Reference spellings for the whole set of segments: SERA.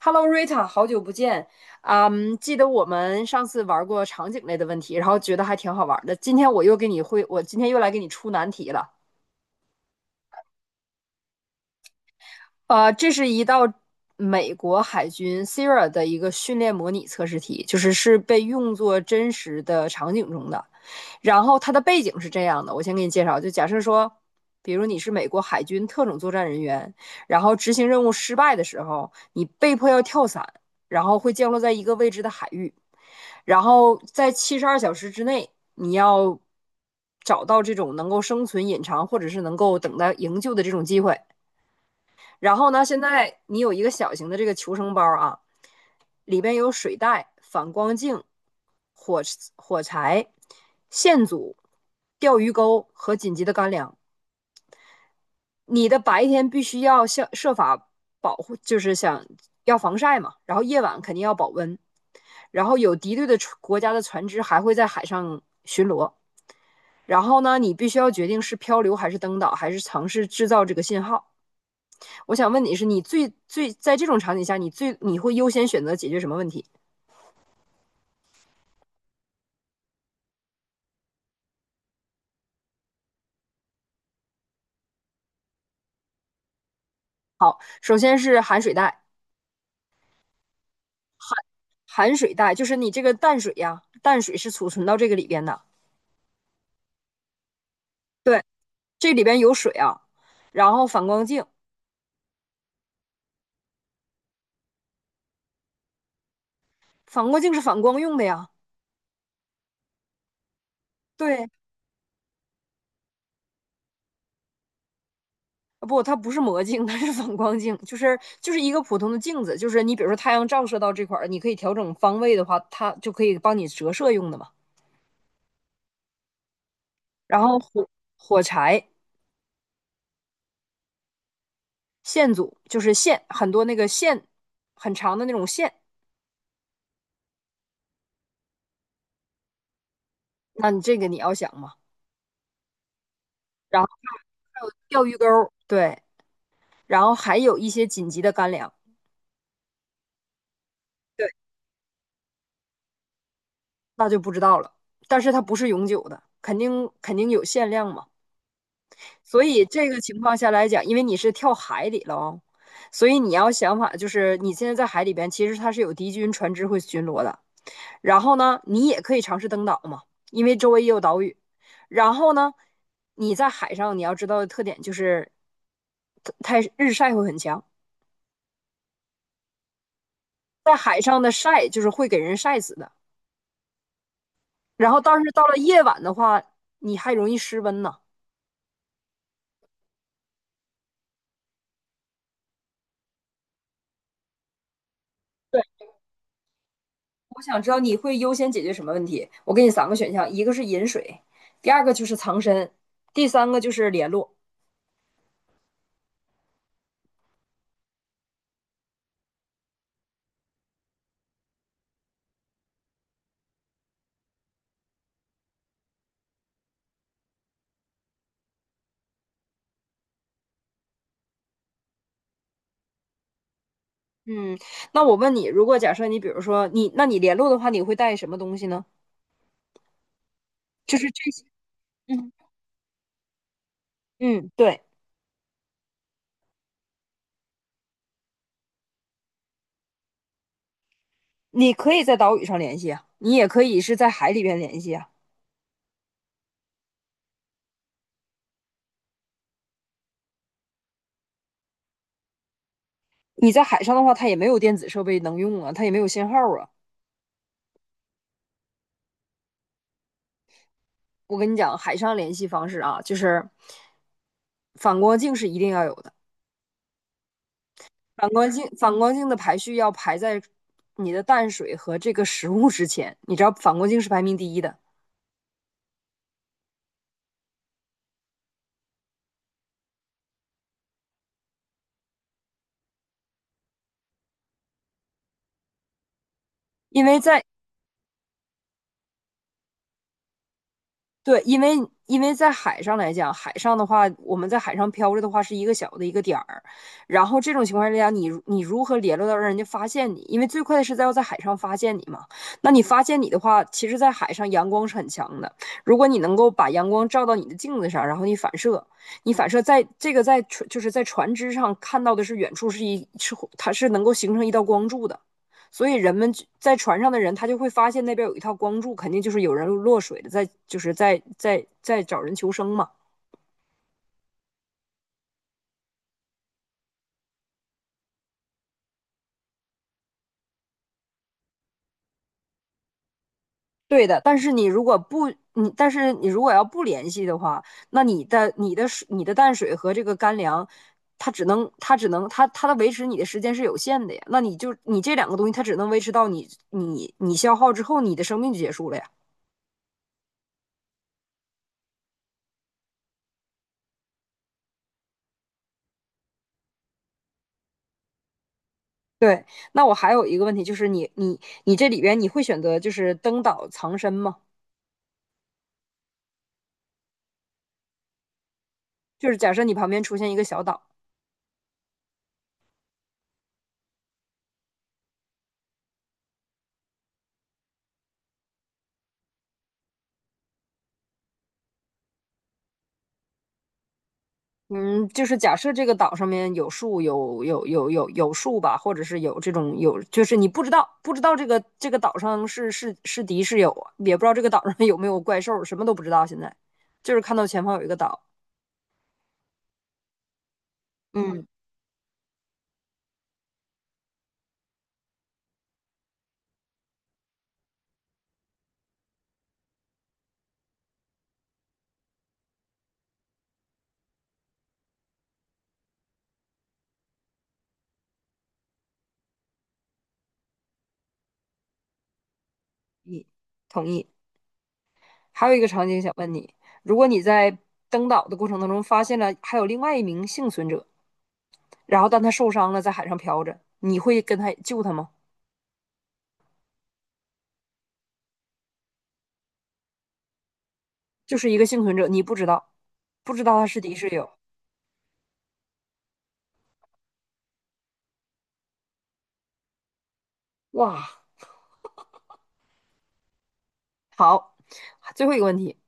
Hello Rita,好久不见。记得我们上次玩过场景类的问题，然后觉得还挺好玩的。今天我又给你会，我今天又来给你出难题了。这是一道美国海军 SERA 的一个训练模拟测试题，就是被用作真实的场景中的。然后它的背景是这样的，我先给你介绍，就假设说，比如你是美国海军特种作战人员，然后执行任务失败的时候，你被迫要跳伞，然后会降落在一个未知的海域，然后在七十二小时之内，你要找到这种能够生存、隐藏或者是能够等待营救的这种机会。然后呢，现在你有一个小型的这个求生包啊，里边有水袋、反光镜、火柴、线组、钓鱼钩和紧急的干粮。你的白天必须要想设法保护，就是想要防晒嘛，然后夜晚肯定要保温。然后有敌对的国家的船只还会在海上巡逻。然后呢，你必须要决定是漂流还是登岛，还是尝试制造这个信号。我想问你是，你最最在这种场景下，你最你会优先选择解决什么问题？首先是含水带，含水带，就是你这个淡水呀、啊淡水是储存到这个里边的。对，这里边有水啊，然后反光镜，反光镜是反光用的呀。对，啊不，它不是魔镜，它是反光镜，就是一个普通的镜子，就是你比如说太阳照射到这块儿，你可以调整方位的话，它就可以帮你折射用的嘛。然后火柴线组就是线，很多那个线很长的那种线，那你这个你要想嘛。然后还有钓鱼钩对，然后还有一些紧急的干粮，对，那就不知道了。但是它不是永久的，肯定有限量嘛。所以这个情况下来讲，因为你是跳海里了哦，所以你要想法就是你现在在海里边，其实它是有敌军船只会巡逻的。然后呢，你也可以尝试登岛嘛，因为周围也有岛屿。然后呢，你在海上你要知道的特点就是太日晒会很强，在海上的晒就是会给人晒死的。然后，但是到了夜晚的话，你还容易失温呢。我想知道你会优先解决什么问题？我给你三个选项，一个是饮水，第二个就是藏身，第三个就是联络。嗯，那我问你，如果假设你比如说你，那你联络的话，你会带什么东西呢？就是这些。嗯嗯，对，你可以在岛屿上联系啊，你也可以是在海里边联系啊。你在海上的话，它也没有电子设备能用啊，它也没有信号啊。我跟你讲，海上联系方式啊，就是反光镜是一定要有的。反光镜，反光镜的排序要排在你的淡水和这个食物之前。你知道反光镜是排名第一的，因为在对，因为因为在海上来讲，海上的话，我们在海上漂着的话是一个小的一个点儿，然后这种情况之下你如何联络到让人家发现你？因为最快的是在要在海上发现你嘛。那你发现你的话，其实，在海上阳光是很强的，如果你能够把阳光照到你的镜子上，然后你反射，你反射在这个在船就是在船只上看到的是远处是一是它是能够形成一道光柱的。所以在船上的人，他就会发现那边有一套光柱，肯定就是有人落水的，在就是在在在找人求生嘛。对的，但是你如果要不联系的话，那你的你的水你的淡水和这个干粮，它只能它只能它它的维持你的时间是有限的呀。那你就你这两个东西，它只能维持到你消耗之后，你的生命就结束了呀。对，那我还有一个问题，就是你这里边你会选择就是登岛藏身吗？就是假设你旁边出现一个小岛，嗯，就是假设这个岛上面有树，有树吧，或者是有这种有，就是你不知道不知道这个岛上是敌是友啊，也不知道这个岛上 有没有怪兽，什么都不知道。现在就是看到前方有一个岛，嗯，你同意。还有一个场景想问你，如果你在登岛的过程当中发现了还有另外一名幸存者，然后但他受伤了，在海上漂着，你会跟他救他吗？就是一个幸存者，你不知道不知道他是敌是友。哇，好，最后一个问题，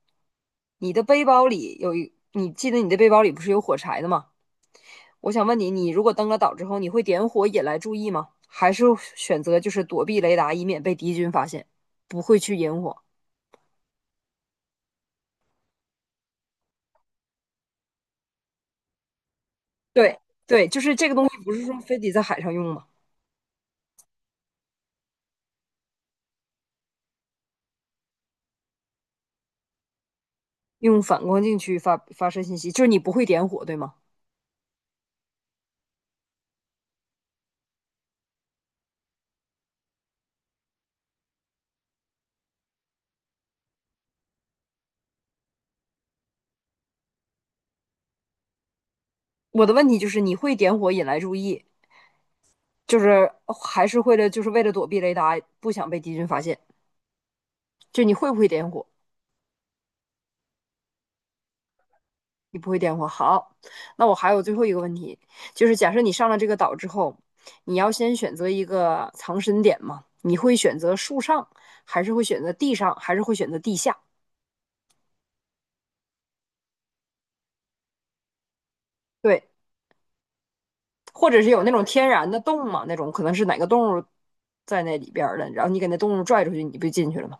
你记得你的背包里不是有火柴的吗？我想问你，你如果登了岛之后，你会点火引来注意吗？还是选择就是躲避雷达，以免被敌军发现，不会去引火？对对，就是这个东西，不是说非得在海上用吗？用反光镜去发射信息，就是你不会点火，对吗？我的问题就是你会点火引来注意，就是还是会了就是为了躲避雷达，不想被敌军发现，就你会不会点火？你不会点火，好，那我还有最后一个问题，就是假设你上了这个岛之后，你要先选择一个藏身点嘛？你会选择树上，还是会选择地上，还是会选择地下？对，或者是有那种天然的洞嘛？那种可能是哪个动物在那里边儿的，然后你给那动物拽出去，你不就进去了吗？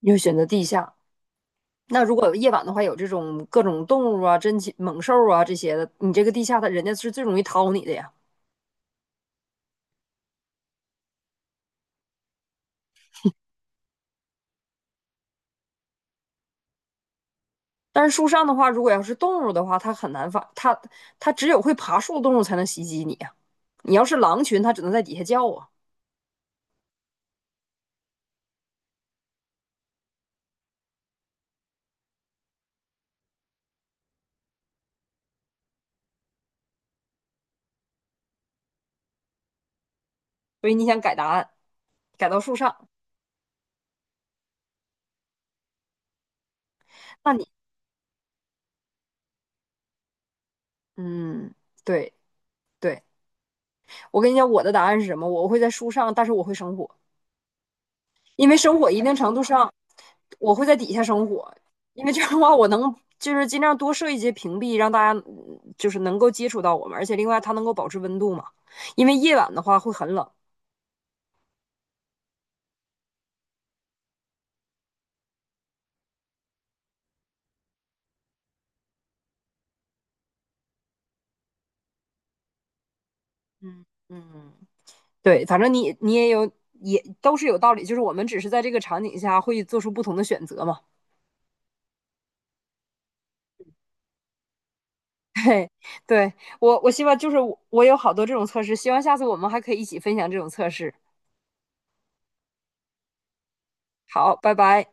你会选择地下。那如果夜晚的话，有这种各种动物啊、珍禽猛兽啊这些的，你这个地下的人家是最容易掏你的呀。但是树上的话，如果要是动物的话，它很难发，它它只有会爬树的动物才能袭击你啊。你要是狼群，它只能在底下叫啊。所以你想改答案，改到树上，那你嗯，对对，我跟你讲，我的答案是什么？我会在树上，但是我会生火，因为生火一定程度上，我会在底下生火，因为这样的话，我能就是尽量多设一些屏蔽，让大家就是能够接触到我们，而且另外它能够保持温度嘛，因为夜晚的话会很冷。嗯嗯。对，反正你你也有也都是有道理，就是我们只是在这个场景下会做出不同的选择嘛。嘿，对我我希望就是我有好多这种测试，希望下次我们还可以一起分享这种测试。好，拜拜。